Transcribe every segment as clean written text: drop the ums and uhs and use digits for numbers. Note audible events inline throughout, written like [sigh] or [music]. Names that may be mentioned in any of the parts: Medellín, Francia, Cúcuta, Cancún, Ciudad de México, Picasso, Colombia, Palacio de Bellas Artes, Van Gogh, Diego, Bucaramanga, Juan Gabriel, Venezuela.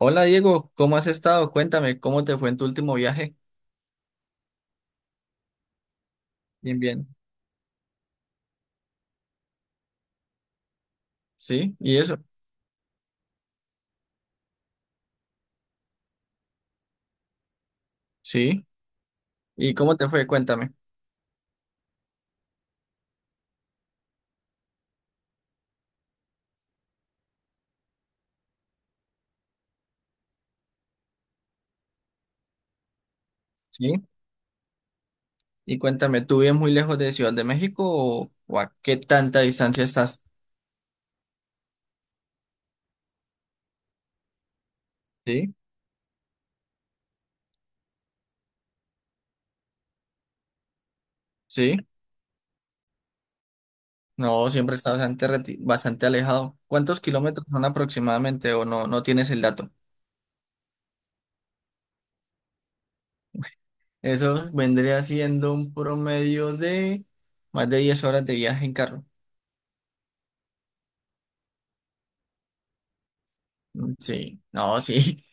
Hola Diego, ¿cómo has estado? Cuéntame, ¿cómo te fue en tu último viaje? Bien, bien. ¿Sí? ¿Y eso? Sí. ¿Y cómo te fue? Cuéntame. Sí. Y cuéntame, ¿tú vives muy lejos de Ciudad de México o a qué tanta distancia estás? Sí. Sí. No, siempre está bastante, bastante alejado. ¿Cuántos kilómetros son aproximadamente o no tienes el dato? Eso vendría siendo un promedio de más de 10 horas de viaje en carro. Mm, sí, no, [laughs] sí.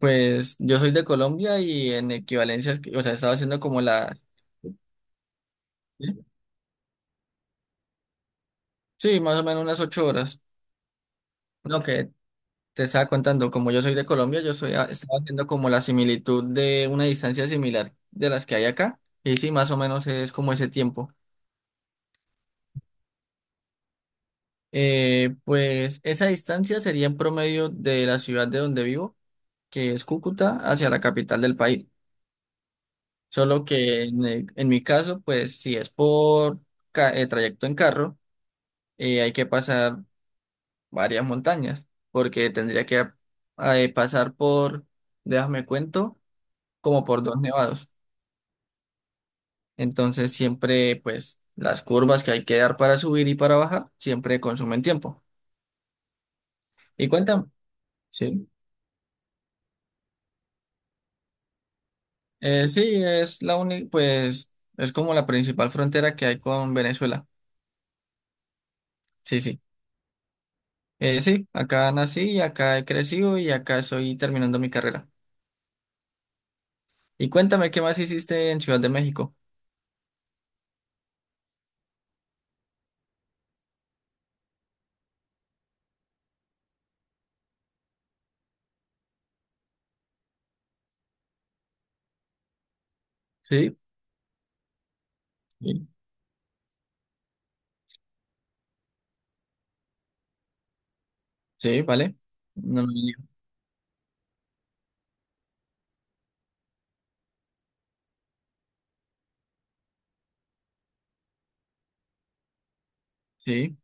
Pues yo soy de Colombia y en equivalencias, o sea, estaba haciendo como la. Sí, más o menos unas 8 horas. Lo que te estaba contando, como yo soy de Colombia, estaba haciendo como la similitud de una distancia similar de las que hay acá. Y sí, más o menos es como ese tiempo. Pues esa distancia sería en promedio de la ciudad de donde vivo, que es Cúcuta, hacia la capital del país. Solo que en mi caso, pues si es por trayecto en carro, hay que pasar varias montañas, porque tendría que pasar por, déjame cuento, como por dos nevados. Entonces siempre, pues, las curvas que hay que dar para subir y para bajar, siempre consumen tiempo. Y cuéntame, sí, sí, es la única, pues, es como la principal frontera que hay con Venezuela. Sí, sí. Sí, acá nací, acá he crecido y acá estoy terminando mi carrera. Y cuéntame, ¿qué más hiciste en Ciudad de México? Sí, sí, sí, vale. No, no, no. Sí.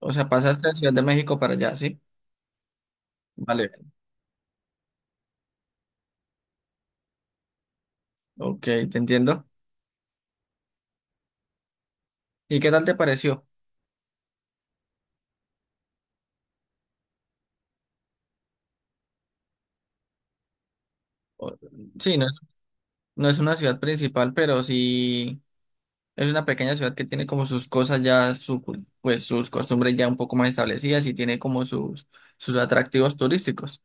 O sea, pasaste de Ciudad de México para allá, ¿sí? Vale, ok, te entiendo. ¿Y qué tal te pareció? O- Sí, no es una ciudad principal, pero sí es una pequeña ciudad que tiene como sus cosas ya, su, pues sus costumbres ya un poco más establecidas y tiene como sus atractivos turísticos.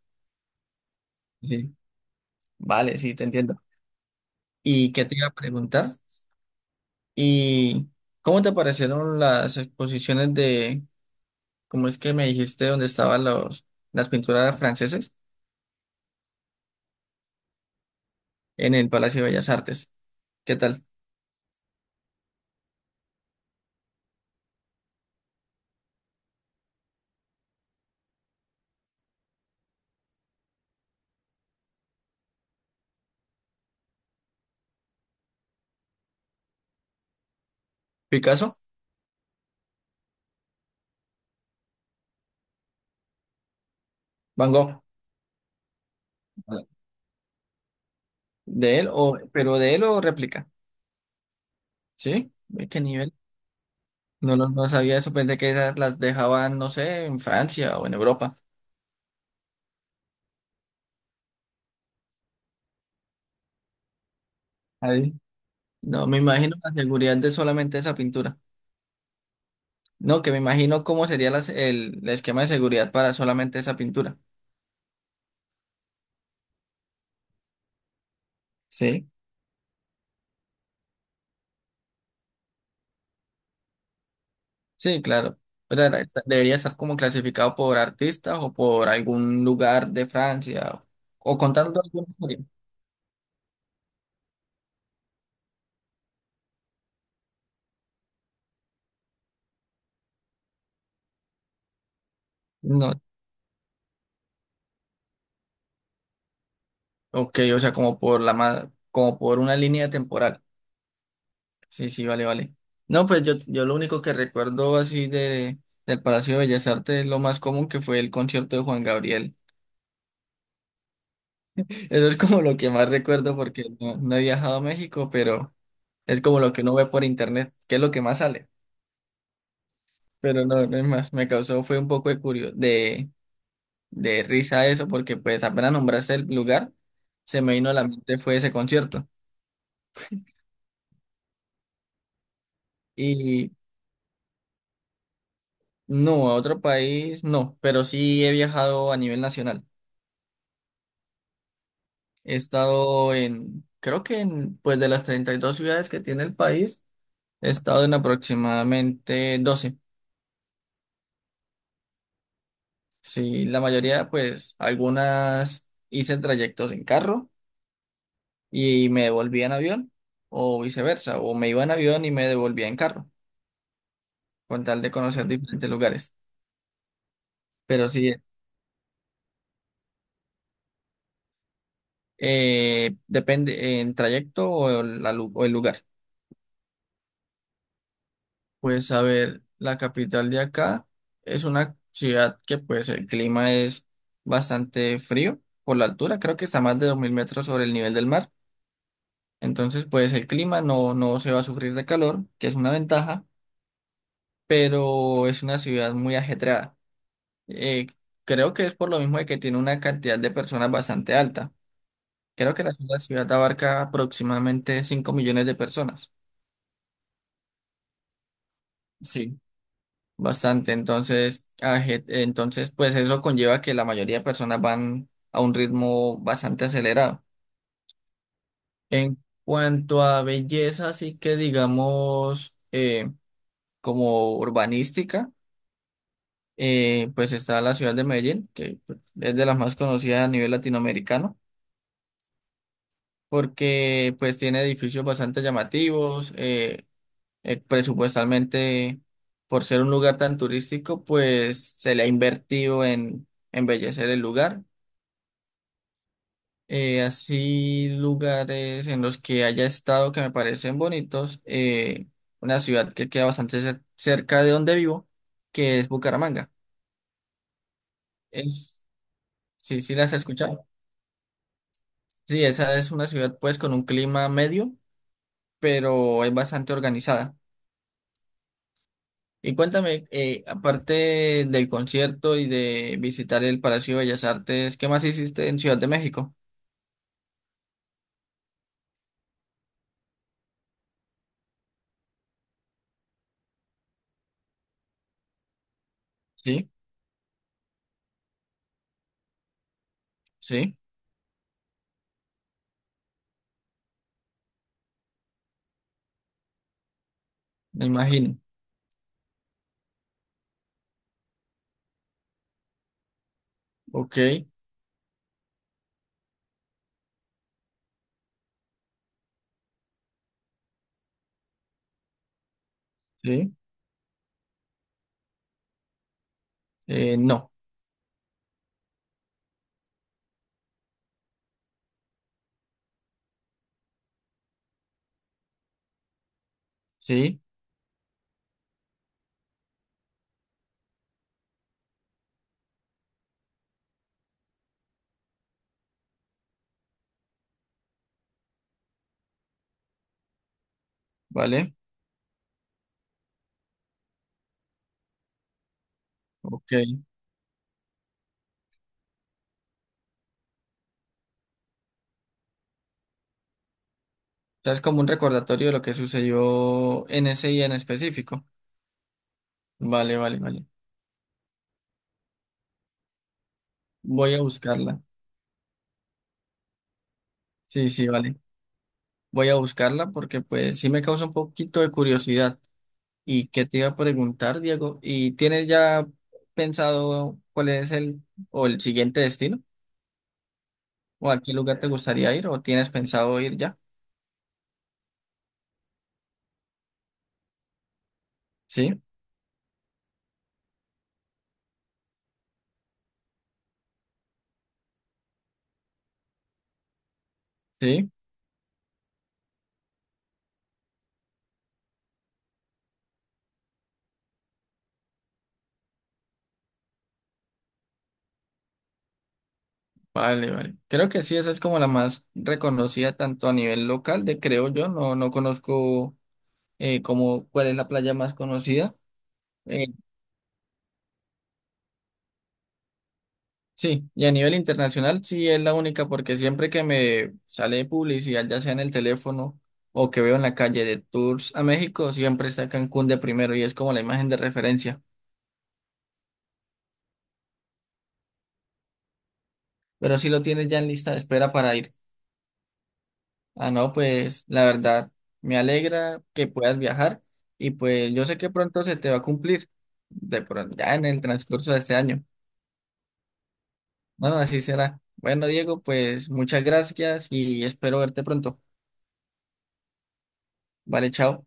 Sí, vale, sí, te entiendo. ¿Y qué te iba a preguntar? ¿Y cómo te parecieron las exposiciones de, cómo es que me dijiste, dónde estaban los, las pinturas franceses en el Palacio de Bellas Artes? ¿Qué tal? Picasso, Van Gogh, pero de él o réplica, ¿sí? ¿Ve qué nivel? No, no sabía eso, pensé que esas las dejaban, no sé, en Francia o en Europa. Ahí. No, me imagino la seguridad de solamente esa pintura. No, que me imagino cómo sería el esquema de seguridad para solamente esa pintura. Sí, sí, claro. O sea, debería estar como clasificado por artistas o por algún lugar de Francia o contando alguna historia. No, ok, o sea, como por una línea temporal. Sí, sí, vale, vale. No, pues yo lo único que recuerdo así de del Palacio de Bellas Artes es lo más común que fue el concierto de Juan Gabriel. [laughs] Eso es como lo que más recuerdo porque no he viajado a México, pero es como lo que uno ve por internet, que es lo que más sale. Pero no, no es más, me causó fue un poco de risa eso, porque pues apenas nombraste el lugar, se me vino a la mente fue ese concierto. No, a otro país no, pero sí he viajado a nivel nacional. He estado en, creo que en, pues de las 32 ciudades que tiene el país, he estado en aproximadamente 12. Sí, la mayoría, pues algunas hice trayectos en carro y me devolvía en avión o viceversa, o me iba en avión y me devolvía en carro, con tal de conocer diferentes lugares. Pero sí, depende en trayecto o o el lugar. Pues a ver, la capital de acá es una ciudad que pues el clima es bastante frío por la altura, creo que está más de 2.000 metros sobre el nivel del mar, entonces pues el clima no se va a sufrir de calor, que es una ventaja, pero es una ciudad muy ajetreada. Eh, Creo que es por lo mismo de que tiene una cantidad de personas bastante alta. Creo que la ciudad abarca aproximadamente 5 millones de personas. Sí. Bastante, entonces, pues eso conlleva que la mayoría de personas van a un ritmo bastante acelerado. En cuanto a belleza, sí que digamos, como urbanística, pues está la ciudad de Medellín, que pues, es de las más conocidas a nivel latinoamericano, porque pues tiene edificios bastante llamativos, presupuestalmente, por ser un lugar tan turístico, pues se le ha invertido en embellecer el lugar. Así, lugares en los que haya estado que me parecen bonitos. Una ciudad que queda bastante cerca de donde vivo, que es Bucaramanga. Es- sí, sí las he escuchado. Sí, esa es una ciudad pues con un clima medio, pero es bastante organizada. Y cuéntame, aparte del concierto y de visitar el Palacio de Bellas Artes, ¿qué más hiciste en Ciudad de México? Sí, sí, me imagino. Ok, sí, no, sí, vale. Ok. O sea, es como un recordatorio de lo que sucedió en ese día en específico. Vale, vale, vale. Voy a buscarla. Sí, sí, vale. Voy a buscarla porque pues sí me causa un poquito de curiosidad. ¿Y qué te iba a preguntar, Diego? ¿Y tienes ya pensado cuál es el siguiente destino? ¿O a qué lugar te gustaría ir? ¿O tienes pensado ir ya? Sí, sí. Vale, vale. Creo que sí, esa es como la más reconocida tanto a nivel local, de creo yo. No, no conozco como cuál es la playa más conocida. Eh, sí, y a nivel internacional sí es la única porque siempre que me sale publicidad, ya sea en el teléfono o que veo en la calle de tours a México, siempre está Cancún de primero y es como la imagen de referencia. Pero si lo tienes ya en lista de espera para ir. Ah, no, pues la verdad, me alegra que puedas viajar y pues yo sé que pronto se te va a cumplir, de pronto, ya en el transcurso de este año. Bueno, así será. Bueno, Diego, pues muchas gracias y espero verte pronto. Vale, chao.